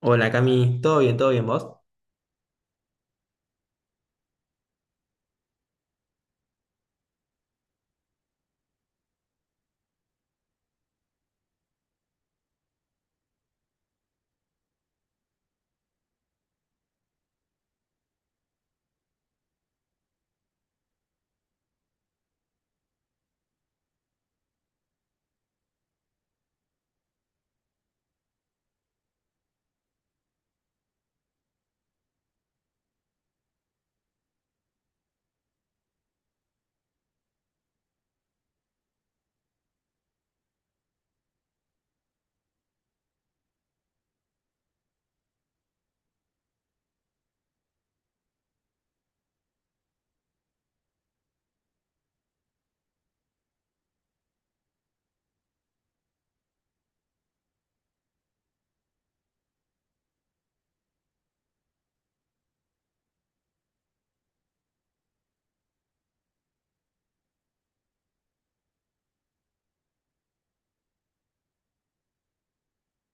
Hola Cami, ¿todo bien? ¿Todo bien vos?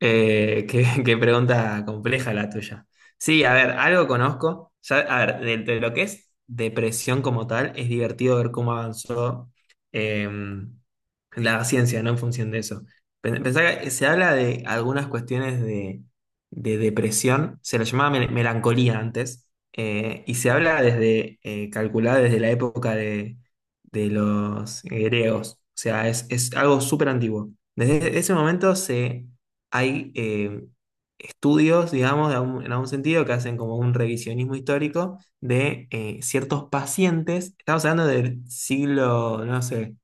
Qué, qué pregunta compleja la tuya. Sí, a ver, algo conozco. A ver, de lo que es depresión como tal, es divertido ver cómo avanzó eh, la ciencia, ¿no? En función de eso. Pensá que se habla de algunas cuestiones de depresión, se la llamaba melancolía antes, y se habla desde, calculada desde la época de los griegos. O sea, es algo súper antiguo. Desde ese momento se hay estudios, digamos, en algún sentido, que hacen como un revisionismo histórico de ciertos pacientes. Estamos hablando del siglo, no sé,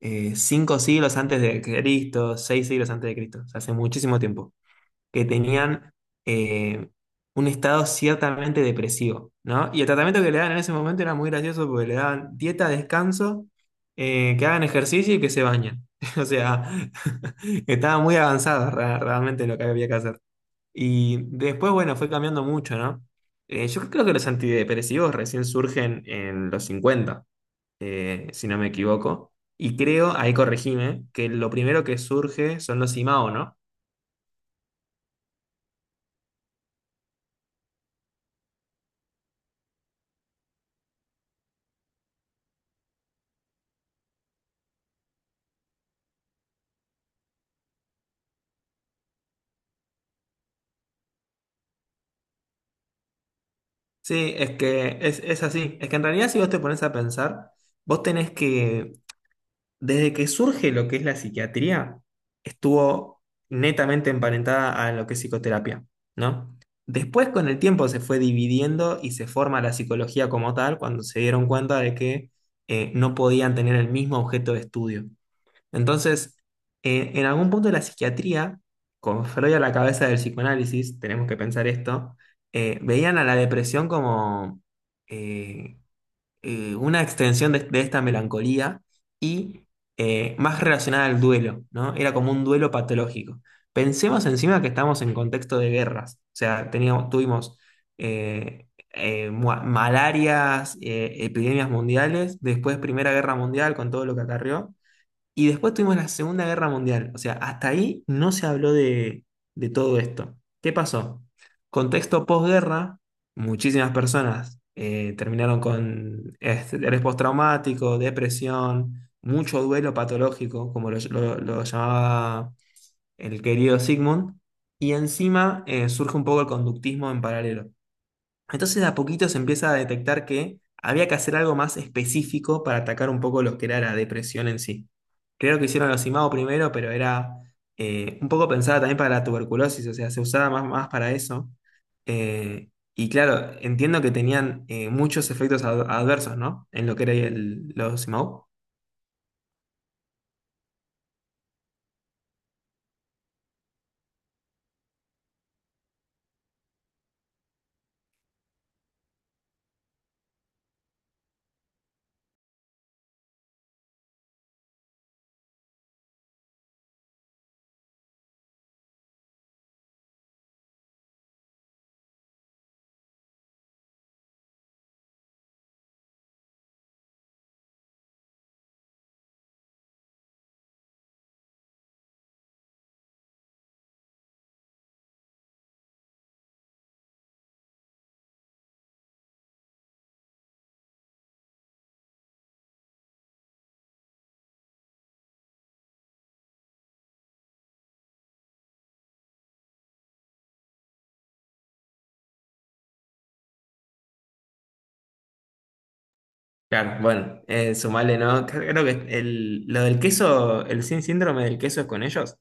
cinco siglos antes de Cristo, seis siglos antes de Cristo, o sea, hace muchísimo tiempo que tenían eh, un estado ciertamente depresivo, ¿no? Y el tratamiento que le daban en ese momento era muy gracioso porque le daban dieta, descanso, que hagan ejercicio y que se bañen. O sea, estaba muy avanzado realmente lo que había que hacer. Y después, bueno, fue cambiando mucho, ¿no? Yo creo que los antidepresivos recién surgen en los 50, si no me equivoco. Y creo, ahí corregime, que lo primero que surge son los IMAO, ¿no? Sí, es que es así. Es que en realidad si vos te pones a pensar, vos tenés que, desde que surge lo que es la psiquiatría, estuvo netamente emparentada a lo que es psicoterapia, ¿no? Después con el tiempo se fue dividiendo y se forma la psicología como tal cuando se dieron cuenta de que no podían tener el mismo objeto de estudio. Entonces, en algún punto de la psiquiatría, con Freud a la cabeza del psicoanálisis, tenemos que pensar esto, veían a la depresión como eh, una extensión de esta melancolía y más relacionada al duelo, ¿no? Era como un duelo patológico. Pensemos encima que estamos en contexto de guerras, o sea, teníamos, tuvimos eh, malarias, epidemias mundiales, después Primera Guerra Mundial con todo lo que acarreó. Y después tuvimos la Segunda Guerra Mundial. O sea, hasta ahí no se habló de todo esto. ¿Qué pasó? Contexto posguerra, muchísimas personas terminaron con estrés postraumático, depresión, mucho duelo patológico, como lo llamaba el querido Sigmund. Y encima surge un poco el conductismo en paralelo. Entonces de a poquito se empieza a detectar que había que hacer algo más específico para atacar un poco lo que era la depresión en sí. Creo que hicieron los IMAO primero, pero era un poco pensada también para la tuberculosis, o sea, se usaba más, más para eso. Y claro, entiendo que tenían muchos efectos adversos, ¿no? En lo que era el, los IMAO. Claro, bueno, sumale, ¿no? Creo que el, lo del queso, el sin síndrome del queso es con ellos.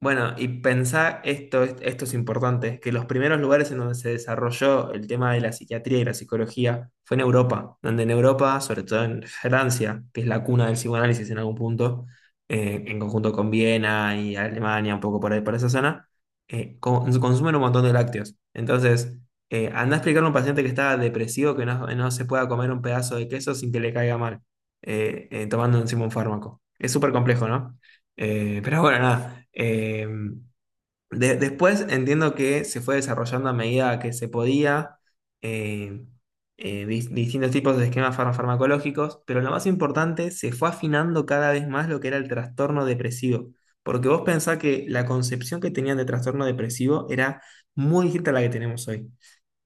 Bueno, y pensá, esto, esto es importante, que los primeros lugares en donde se desarrolló el tema de la psiquiatría y la psicología fue en Europa, donde en Europa, sobre todo en Francia, que es la cuna del psicoanálisis en algún punto, en conjunto con Viena y Alemania, un poco por ahí, por esa zona, consumen un montón de lácteos. Entonces, andá a explicarle a un paciente que está depresivo que no, no se pueda comer un pedazo de queso sin que le caiga mal, tomando encima un fármaco. Es súper complejo, ¿no? Pero bueno, nada. Después entiendo que se fue desarrollando a medida que se podía eh, distintos tipos de esquemas farmacológicos, pero lo más importante, se fue afinando cada vez más lo que era el trastorno depresivo. Porque vos pensás que la concepción que tenían de trastorno depresivo era muy distinta a la que tenemos hoy.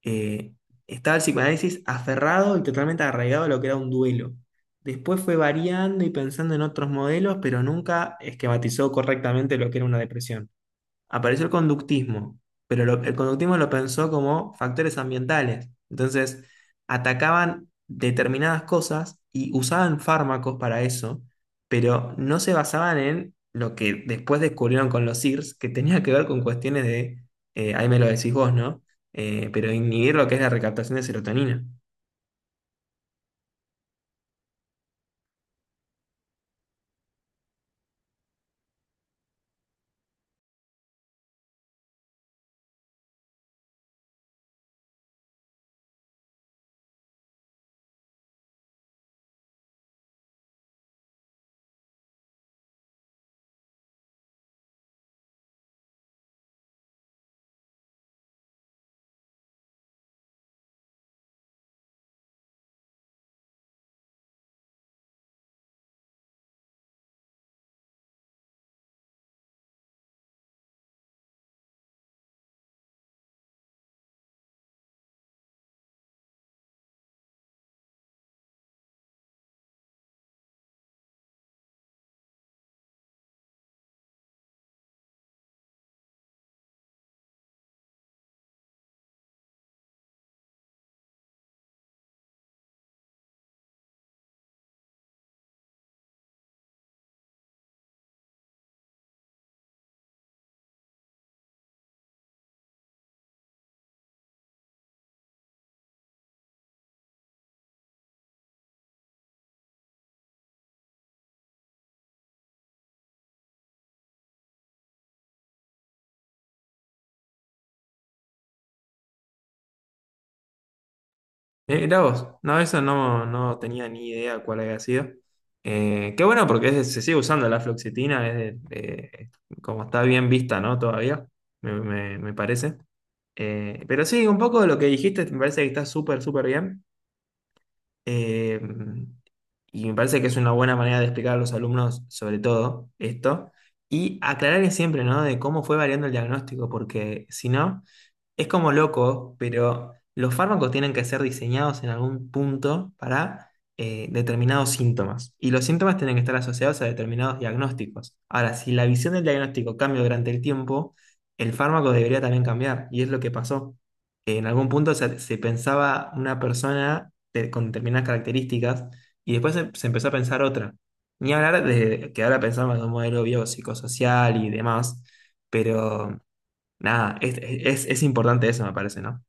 eh, estaba el psicoanálisis aferrado y totalmente arraigado a lo que era un duelo. Después fue variando y pensando en otros modelos, pero nunca esquematizó correctamente lo que era una depresión. Apareció el conductismo, pero el conductismo lo pensó como factores ambientales. Entonces, atacaban determinadas cosas y usaban fármacos para eso, pero no se basaban en lo que después descubrieron con los SIRS, que tenía que ver con cuestiones de, ahí me lo decís vos, ¿no? Pero inhibir lo que es la recaptación de serotonina. Mira vos, no, eso no, no tenía ni idea cuál había sido. Qué bueno porque se sigue usando la fluoxetina, como está bien vista, ¿no? Todavía, me parece. Pero sí, un poco de lo que dijiste, me parece que está súper, súper bien. Eh, y me parece que es una buena manera de explicar a los alumnos, sobre todo, esto. Y aclarar siempre, ¿no? De cómo fue variando el diagnóstico, porque si no... Es como loco, pero los fármacos tienen que ser diseñados en algún punto para determinados síntomas. Y los síntomas tienen que estar asociados a determinados diagnósticos. Ahora, si la visión del diagnóstico cambia durante el tiempo, el fármaco debería también cambiar. Y es lo que pasó. En algún punto se, se pensaba una persona con determinadas características y después se, se empezó a pensar otra. Ni hablar de que ahora pensamos en un modelo biopsicosocial y demás, pero nada, es importante eso, me parece, ¿no?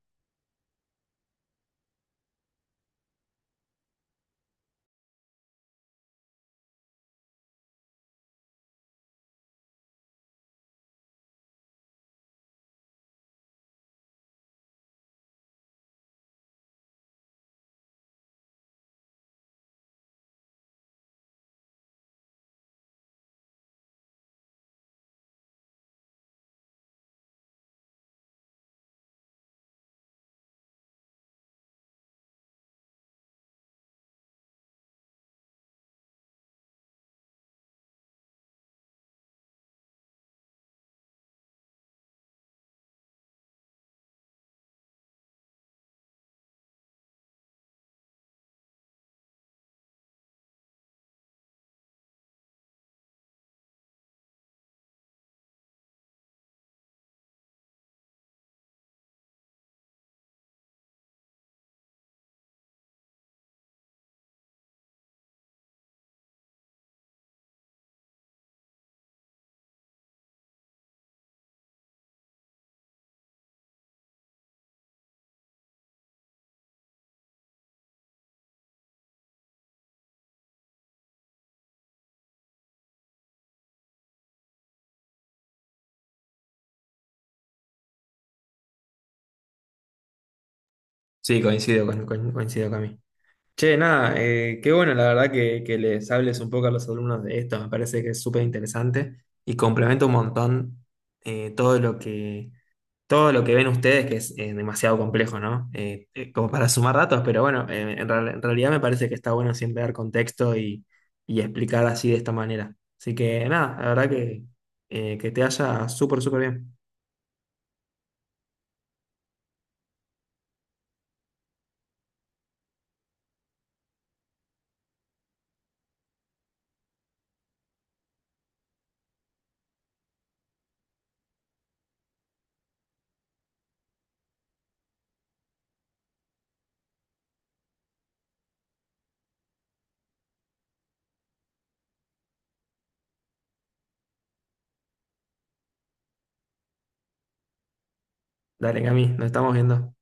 Sí, coincido con, coincido con mí. Che, nada, qué bueno, la verdad, que les hables un poco a los alumnos de esto, me parece que es súper interesante y complementa un montón eh, todo lo que, todo lo que ven ustedes, que es demasiado complejo, ¿no? Como para sumar datos, pero bueno, en realidad me parece que está bueno siempre dar contexto y explicar así de esta manera. Así que nada, la verdad que te haya súper, súper bien. Dale, Cami, nos estamos viendo.